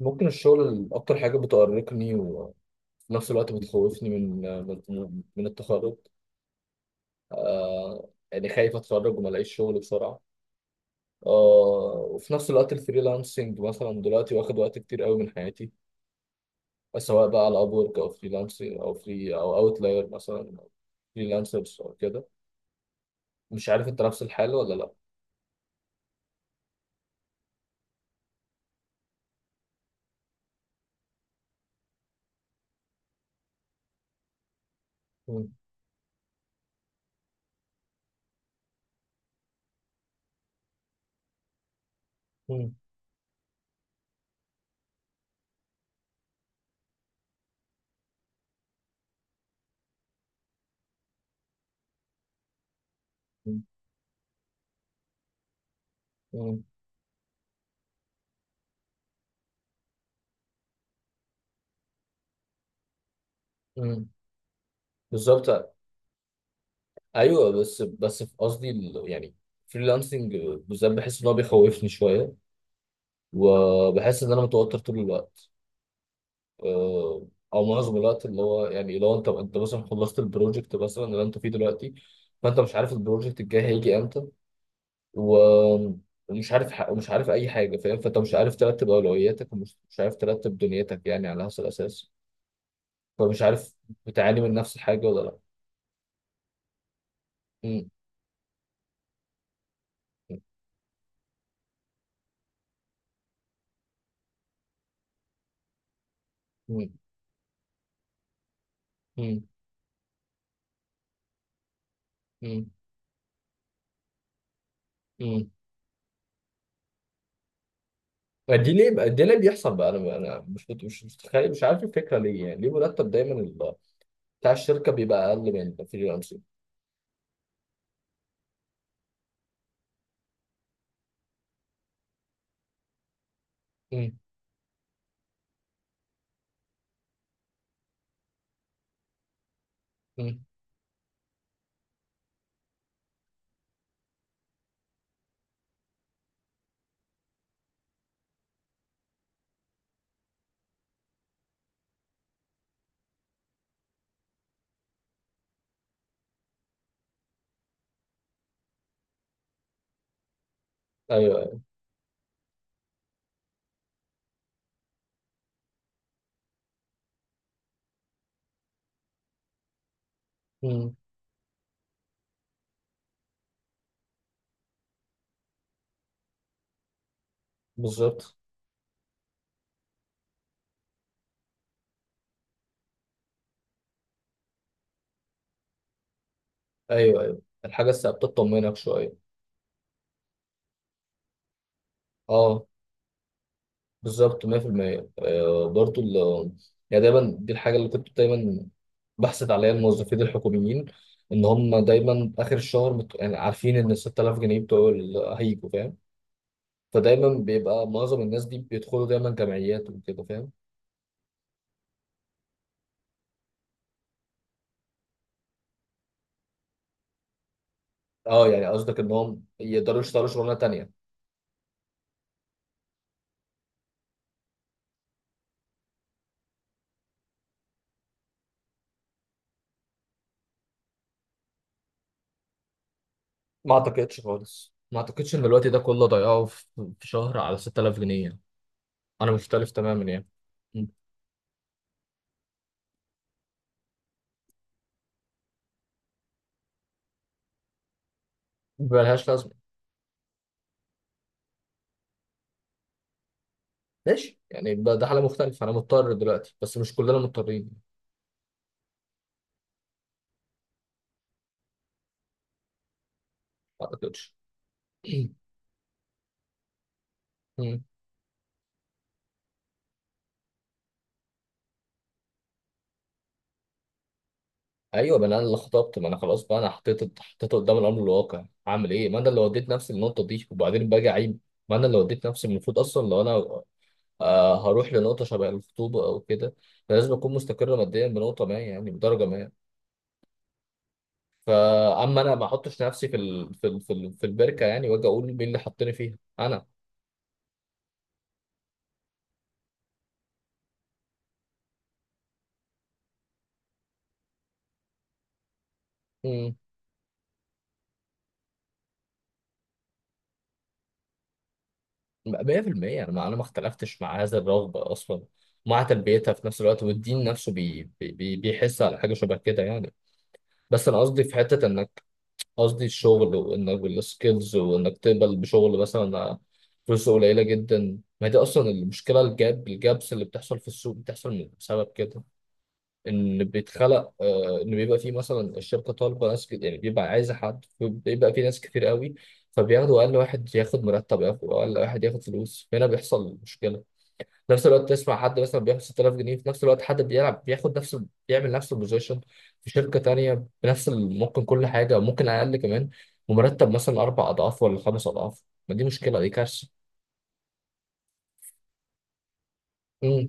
ممكن الشغل أكتر حاجة بتأرقني، وفي نفس الوقت بتخوفني من التخرج. آه، يعني خايف أتخرج وما ألاقيش شغل بسرعة. آه، وفي نفس الوقت الفريلانسنج مثلا دلوقتي واخد وقت كتير قوي من حياتي، سواء بقى على أبورك أو فريلانسنج أو فري أو أوتلاير مثلا أو فريلانسرز أو كده. مش عارف أنت نفس الحال ولا لأ؟ مم. مم. مم. مم. مم. بالظبط. أيوه، بس في قصدي يعني فريلانسنج بالذات بحس إن هو بيخوفني شوية، وبحس ان انا متوتر طول الوقت، آه، او معظم الوقت، اللي هو يعني لو انت مثلا خلصت البروجكت مثلا اللي انت فيه دلوقتي، فانت مش عارف البروجكت الجاي هيجي امتى، و- ومش عارف اي حاجه، فاهم؟ فانت مش عارف ترتب اولوياتك، ومش مش عارف ترتب دنيتك يعني على هذا الاساس، فمش عارف بتعاني من نفس الحاجه ولا لا. مم. مم. مم. مم. مم. دي ليه بيحصل بقى؟ انا مش متخيل، مش عارف الفكره ليه يعني، ليه مرتب دايما بتاع الشركة بيبقى أقل من الفريلانسنج؟ مم. مم. أيوه، أيوه. مم. بالظبط. أيوه، أيوه، الحاجة الثابتة تطمنك شوية. أه، بالظبط 100%. برضو يعني دايما دي الحاجة اللي كنت دايما بحسد عليها الموظفين الحكوميين، إن هم دايما آخر الشهر يعني عارفين إن 6000 جنيه هيجوا، فاهم؟ فدايما بيبقى معظم الناس دي بيدخلوا دايما جمعيات وكده، فاهم؟ أه، يعني قصدك إنهم يقدروا يشتغلوا شغلانة تانية. ما اعتقدش خالص، ما اعتقدش ان الوقت ده كله ضيعه في شهر على 6000 جنيه يعني. انا مختلف تماما يعني. م. ملهاش لازمه. ماشي يعني ده حاله مختلفه، انا مضطر دلوقتي بس مش كلنا مضطرين. ما اعتقدش. م. ايوه، ما انا اللي خطبت، ما انا خلاص بقى، انا حطيت قدام الامر الواقع، هعمل ايه؟ ما انا اللي وديت نفسي للنقطه دي، وبعدين باجي اعيب. ما انا اللي وديت نفسي، المفروض اصلا لو انا هروح لنقطه شبه الخطوبه او كده، أنا لازم اكون مستقر ماديا بنقطه ما، يعني بدرجه ما. فاما انا ما احطش نفسي في البركه، يعني واجي اقول مين اللي حطني فيها انا. امم. 100%، انا ما اختلفتش مع هذا الرغبه اصلا، مع تلبيتها في نفس الوقت. والدين نفسه بيحس على حاجه شبه كده يعني. بس انا قصدي في حته انك الشغل، وانك السكيلز، وانك تقبل بشغل مثلا فلوس قليله جدا. ما هي دي اصلا المشكله، الجاب الجابس اللي بتحصل في السوق بتحصل بسبب كده. ان بيتخلق، ان بيبقى فيه مثلا الشركه طالبه ناس يعني بيبقى عايزه حد، بيبقى فيه ناس كتير قوي، فبياخدوا اقل واحد ياخد مرتب، ياخد اقل واحد ياخد فلوس، هنا بيحصل مشكله. في نفس الوقت تسمع حد مثلا بياخد 6000 جنيه، في نفس الوقت حد بيلعب بياخد نفس، بيعمل نفس البوزيشن في شركه تانية بنفس ممكن كل حاجه ممكن اقل كمان، ومرتب مثلا اربع اضعاف ولا خمس اضعاف، ما دي مشكله، دي كارثه. إمم.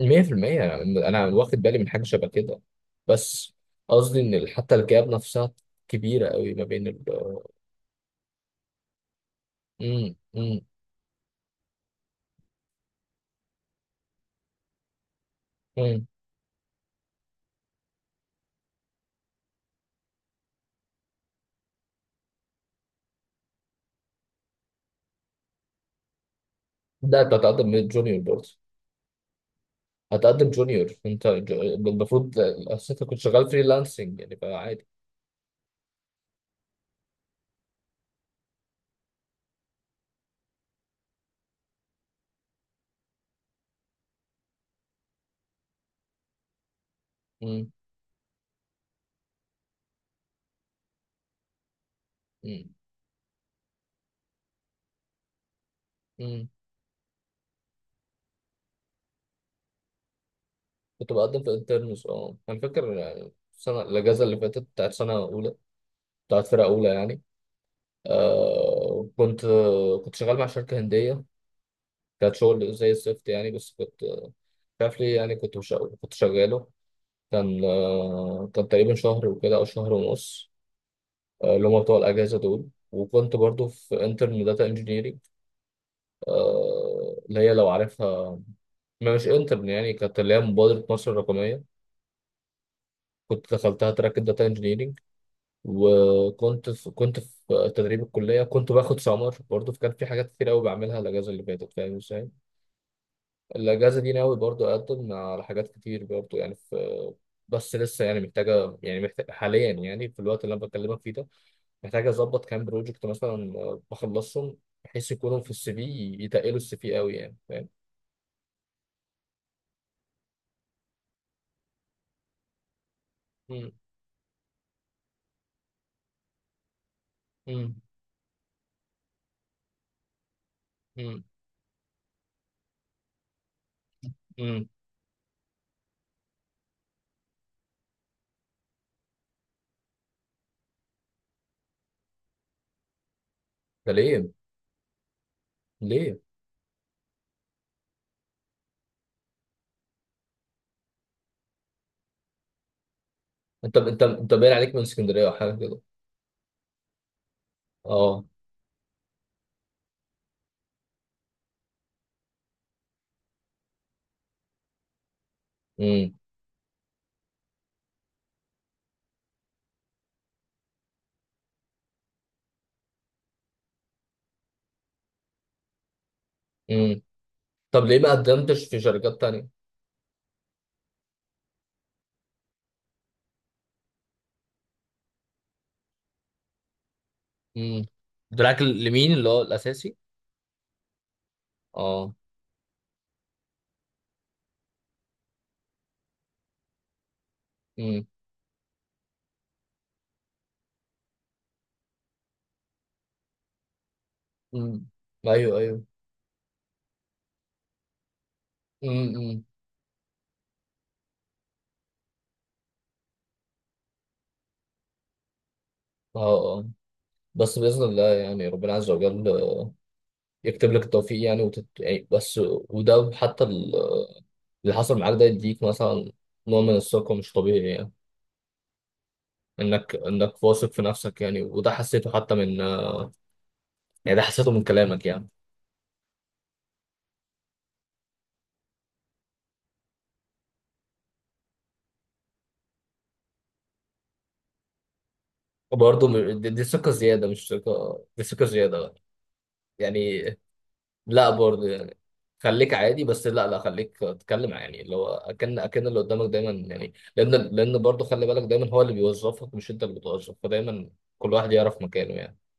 مية في المية، أنا واخد بالي من حاجة شبه كده. بس قصدي إن حتى الجاب نفسها كبيرة قوي ما بين ال. مم. مم. مم. ده أنت هتقدم جونيور برضه، هتقدم جونيور أنت المفروض أصل أنت كنت شغال فريلانسنج يعني فعادي. مم. مم. مم. كنت بقدم في انترنز. أنا فاكر يعني السنة الأجازة اللي فاتت بتاعت سنة أولى، بتاعت فرقة أولى يعني. آه كنت كنت شغال مع شركة هندية، كانت شغل زي الزفت يعني، بس كنت شاف لي يعني، كنت مش... كنت شغاله. كان تقريبا شهر وكده او شهر ونص، اللي هم بتوع الاجازه دول. وكنت برضو في انترن داتا انجينيرنج، اللي هي لو عارفها، ما مش انترن يعني، كانت اللي هي مبادره مصر الرقميه، كنت دخلتها تراك الداتا انجينيرنج. وكنت في تدريب الكليه، كنت باخد سمر برضو، فكان في حاجات كتير قوي بعملها الاجازه اللي فاتت، فاهم ازاي؟ الأجازة دي ناوي برضو أقدم على حاجات كتير برضو، يعني في، بس لسه يعني محتاجة يعني محتاج حاليا، يعني في الوقت اللي أنا بكلمك فيه ده، محتاج أظبط كام بروجكت مثلا، بخلصهم بحيث يكونوا في السي في، يتقلوا السي في قوي يعني، فاهم؟ مم. مم. مم. مم. ده ليه؟ ليه؟ أنت باين عليك من اسكندرية أو حاجة كده. أه. مم. مم. طب ليه ما قدمتش في شركات تانية؟ مم. دراك لمين اللي هو الأساسي؟ أه. مم. مم. أيوه، أيوه. اه. آه. بس بإذن الله، يعني ربنا عز وجل يكتب لك التوفيق يعني، يعني بس وده حتى اللي حصل معاك ده يديك مثلا نوع من الثقة مش طبيعي يعني، انك واثق في نفسك يعني. وده حسيته حتى من آه، يعني ده حسيته من كلامك يعني. وبرضه دي ثقة زيادة، مش ثقة دي ثقة زيادة يعني. لا برضه يعني خليك عادي، بس لا، لا، خليك تتكلم يعني، اللي هو اكن اللي قدامك دايما، يعني لان برضه خلي بالك دايما هو اللي بيوظفك مش انت اللي بتوظف، فدايما كل واحد يعرف مكانه يعني.